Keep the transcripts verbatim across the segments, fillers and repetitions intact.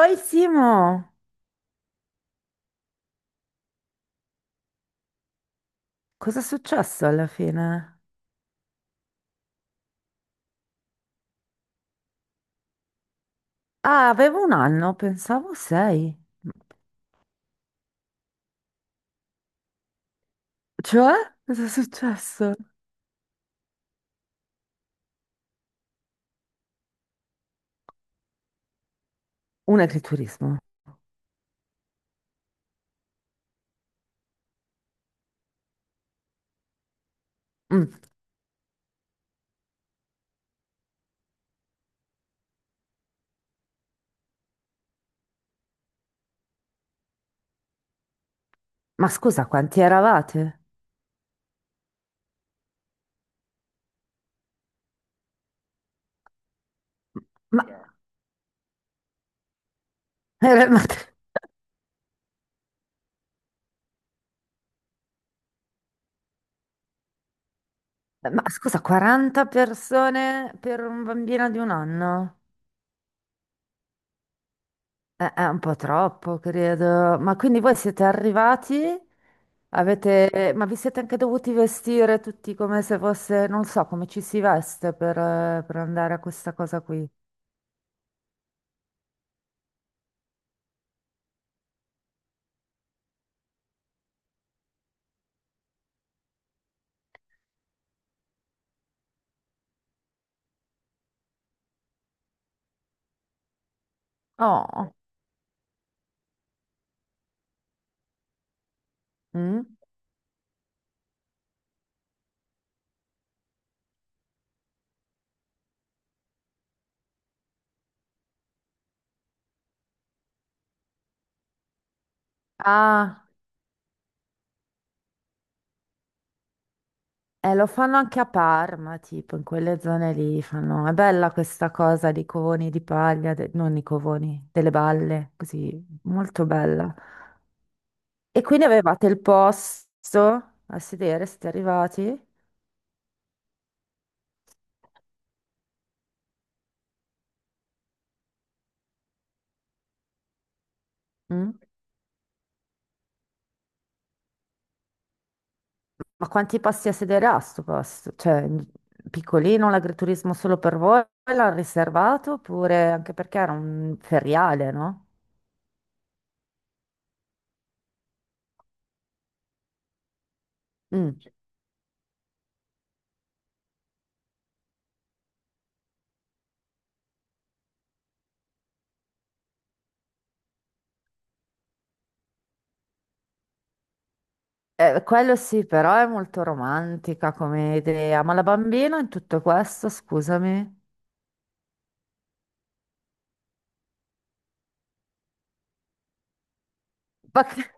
Oi Simo, cosa è successo alla fine? Ah, avevo un anno, pensavo sei. Cioè? Cosa è successo? Un agriturismo. Mm. Ma scusa, quanti eravate? Ma, eh, ma- ma scusa, quaranta persone per un bambino di un anno? Eh, È un po' troppo, credo. Ma quindi voi siete arrivati? Avete, ma vi siete anche dovuti vestire tutti come se fosse, non so, come ci si veste per, eh, per andare a questa cosa qui. Oh, mm. Ah, eh, lo fanno anche a Parma, tipo, in quelle zone lì fanno. È bella questa cosa di covoni di paglia, de- non i covoni, delle balle, così, molto bella. E quindi avevate il posto a sedere, siete arrivati? Mm? Ma quanti posti a sedere ha sto posto? Cioè, piccolino, l'agriturismo solo per voi? L'ha riservato oppure anche perché era un feriale, no? Mm. Eh, quello sì, però è molto romantica come idea. Ma la bambina in tutto questo, scusami. Ma, che-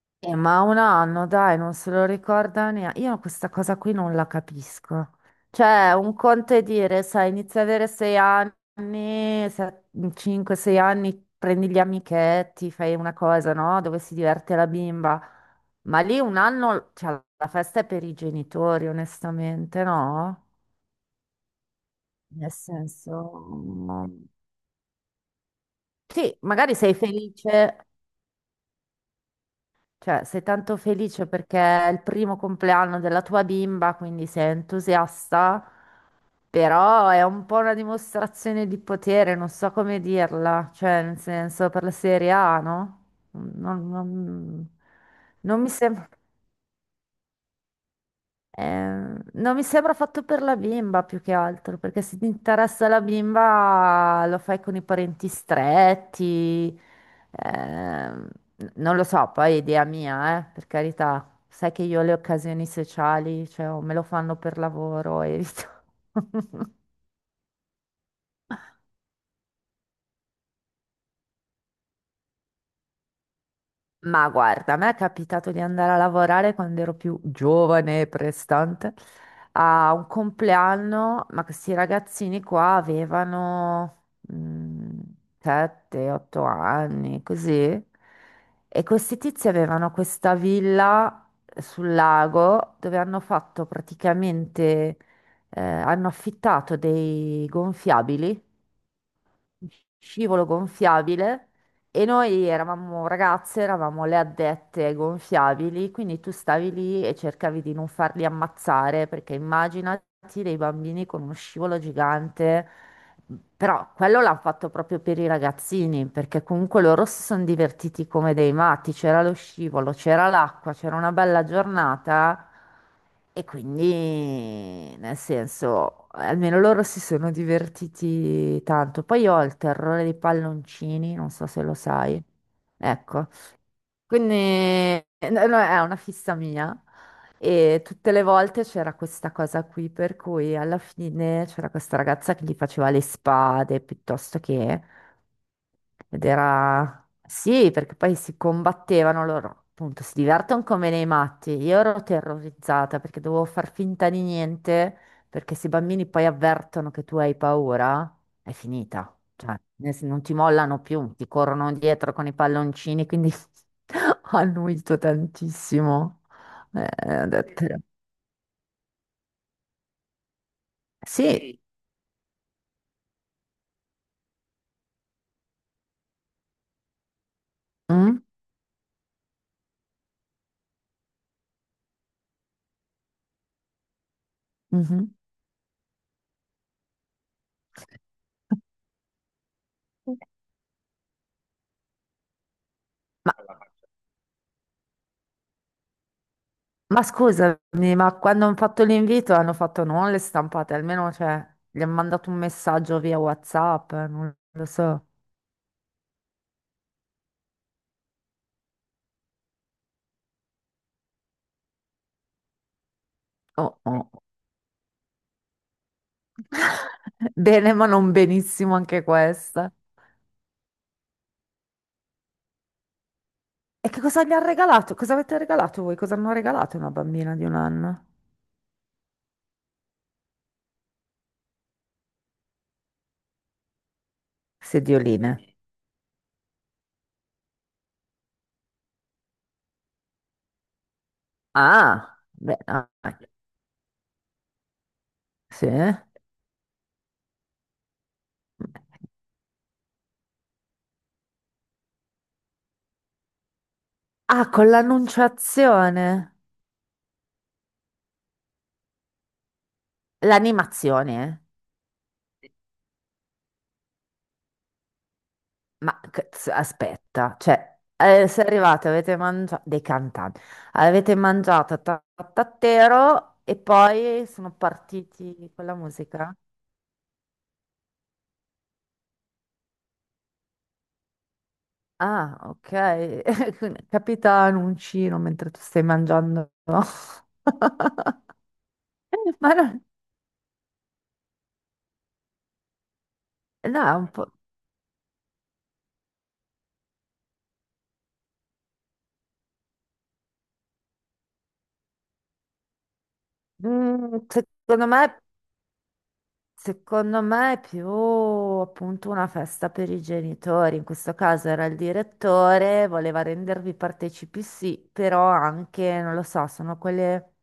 eh, ma un anno, dai, non se lo ricorda neanche. Io questa cosa qui non la capisco. Cioè, un conto è dire, sai, inizia ad avere sei anni, cinque sei anni, prendi gli amichetti, fai una cosa, no? Dove si diverte la bimba. Ma lì un anno, cioè, la festa è per i genitori, onestamente, no? Nel senso, no. Sì, magari sei felice, cioè sei tanto felice perché è il primo compleanno della tua bimba, quindi sei entusiasta, però è un po' una dimostrazione di potere, non so come dirla, cioè nel senso per la serie A, no? Non, non- non mi sembra. Eh, non mi sembra fatto per la bimba più che altro, perché se ti interessa la bimba lo fai con i parenti stretti, ehm, non lo so, poi è idea mia, eh, per carità. Sai che io le occasioni sociali, cioè, o me lo fanno per lavoro, evito. Ma guarda, a me è capitato di andare a lavorare quando ero più giovane e prestante a un compleanno, ma questi ragazzini qua avevano sette otto anni, così. E questi tizi avevano questa villa sul lago dove hanno fatto praticamente, eh, hanno affittato dei gonfiabili, scivolo gonfiabile, e noi eravamo ragazze, eravamo le addette ai gonfiabili, quindi tu stavi lì e cercavi di non farli ammazzare, perché immaginati dei bambini con uno scivolo gigante. Però quello l'hanno fatto proprio per i ragazzini, perché comunque loro si sono divertiti come dei matti, c'era lo scivolo, c'era l'acqua, c'era una bella giornata, e quindi, nel senso, almeno loro si sono divertiti tanto. Poi io ho il terrore dei palloncini, non so se lo sai. Ecco, quindi eh, no, no, è una fissa mia, e tutte le volte c'era questa cosa qui, per cui alla fine c'era questa ragazza che gli faceva le spade piuttosto che. Ed era... Sì, perché poi si combattevano loro, appunto, si divertono come nei matti. Io ero terrorizzata perché dovevo far finta di niente, perché se i bambini poi avvertono che tu hai paura, è finita. Cioè, nel sen- non ti mollano più, ti corrono dietro con i palloncini, quindi ho annuito tantissimo. Eh, ho detto- Sì. Mm? Mhm. Ma scusami, ma quando hanno fatto l'invito hanno fatto non le stampate, almeno cioè, gli hanno mandato un messaggio via WhatsApp, non lo so. Oh, oh. Bene, ma non benissimo anche questa. E che cosa gli hanno regalato? Cosa avete regalato voi? Cosa hanno regalato a una bambina di un anno? Sedioline. Ah, beh, ah, sì. Ah, con l'annunciazione. L'animazione, eh. Ma cazzo, aspetta, cioè, eh, se arrivate, avete mangiato dei cantanti, avete mangiato ta- tattatero e poi sono partiti con la musica? Ah, ok. Capita un uncino mentre tu stai mangiando. Ma no, no, è un po'. Mm, secondo me. Secondo me è più appunto una festa per i genitori, in questo caso era il direttore, voleva rendervi partecipi, sì, però anche, non lo so, sono quelle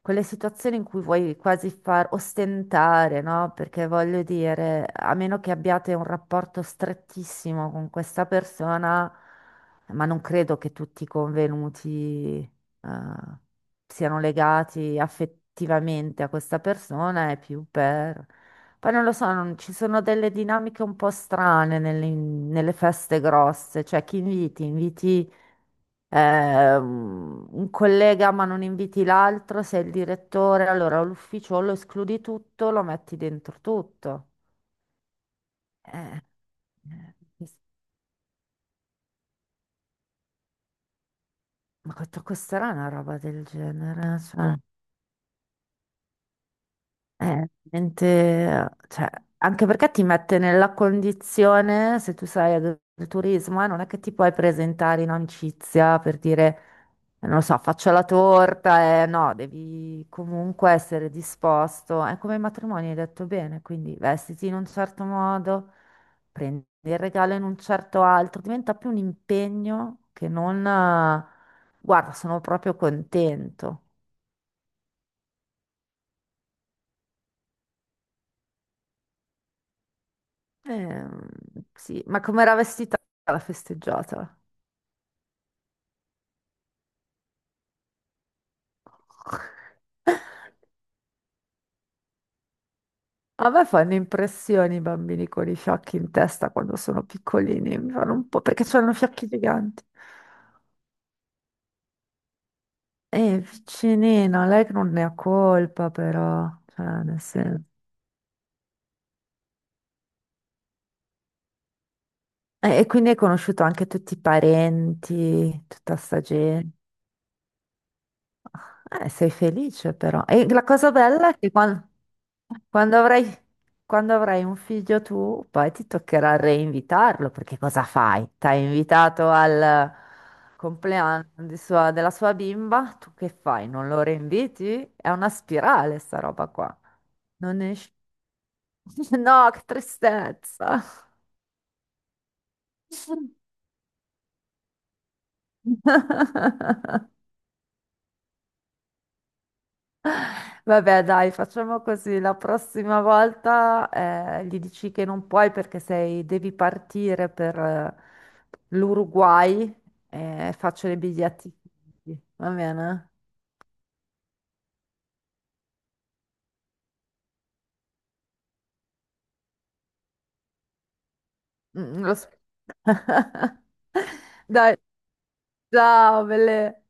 quelle situazioni in cui vuoi quasi far ostentare, no? Perché voglio dire, a meno che abbiate un rapporto strettissimo con questa persona, ma non credo che tutti i convenuti, eh, siano legati affettivamente a questa persona, è più per... Poi non lo so, non- ci sono delle dinamiche un po' strane nelle, nelle feste grosse, cioè chi inviti? Inviti ehm, un collega ma non inviti l'altro, sei il direttore, allora l'ufficio lo escludi tutto, lo metti dentro tutto. Eh, eh, ma questo- costerà una roba del genere? Cioè, eh, veramente, cioè, anche perché ti mette nella condizione, se tu sai del del turismo, eh, non è che ti puoi presentare in amicizia per dire, non lo so, faccio la torta, eh, no, devi comunque essere disposto. È come i matrimoni, hai detto bene, quindi vestiti in un certo modo, prendi il regalo in un certo altro, diventa più un impegno che non, eh, guarda, sono proprio contento. Ehm, sì, ma com'era vestita la festeggiata? A me fanno impressione i bambini con i fiocchi in testa quando sono piccolini, mi fanno un po' perché hanno fiocchi giganti. E vicinina, lei che non ne ha colpa però, cioè, nel senso- E, e quindi hai conosciuto anche tutti i parenti, tutta sta gente. Eh, sei felice però. E la cosa bella è che quan- quando, avrai, quando avrai un figlio tu, poi ti toccherà reinvitarlo, perché cosa fai? T'hai invitato al compleanno di sua- della sua bimba, tu che fai? Non lo reinviti? È una spirale sta roba qua. Non esci. No, che tristezza. Vabbè, dai, facciamo così. La prossima volta eh, gli dici che non puoi perché sei- devi partire per eh, l'Uruguay eh, e faccio le biglietti. Va bene? Mm, lo so. Dai, ciao, belle.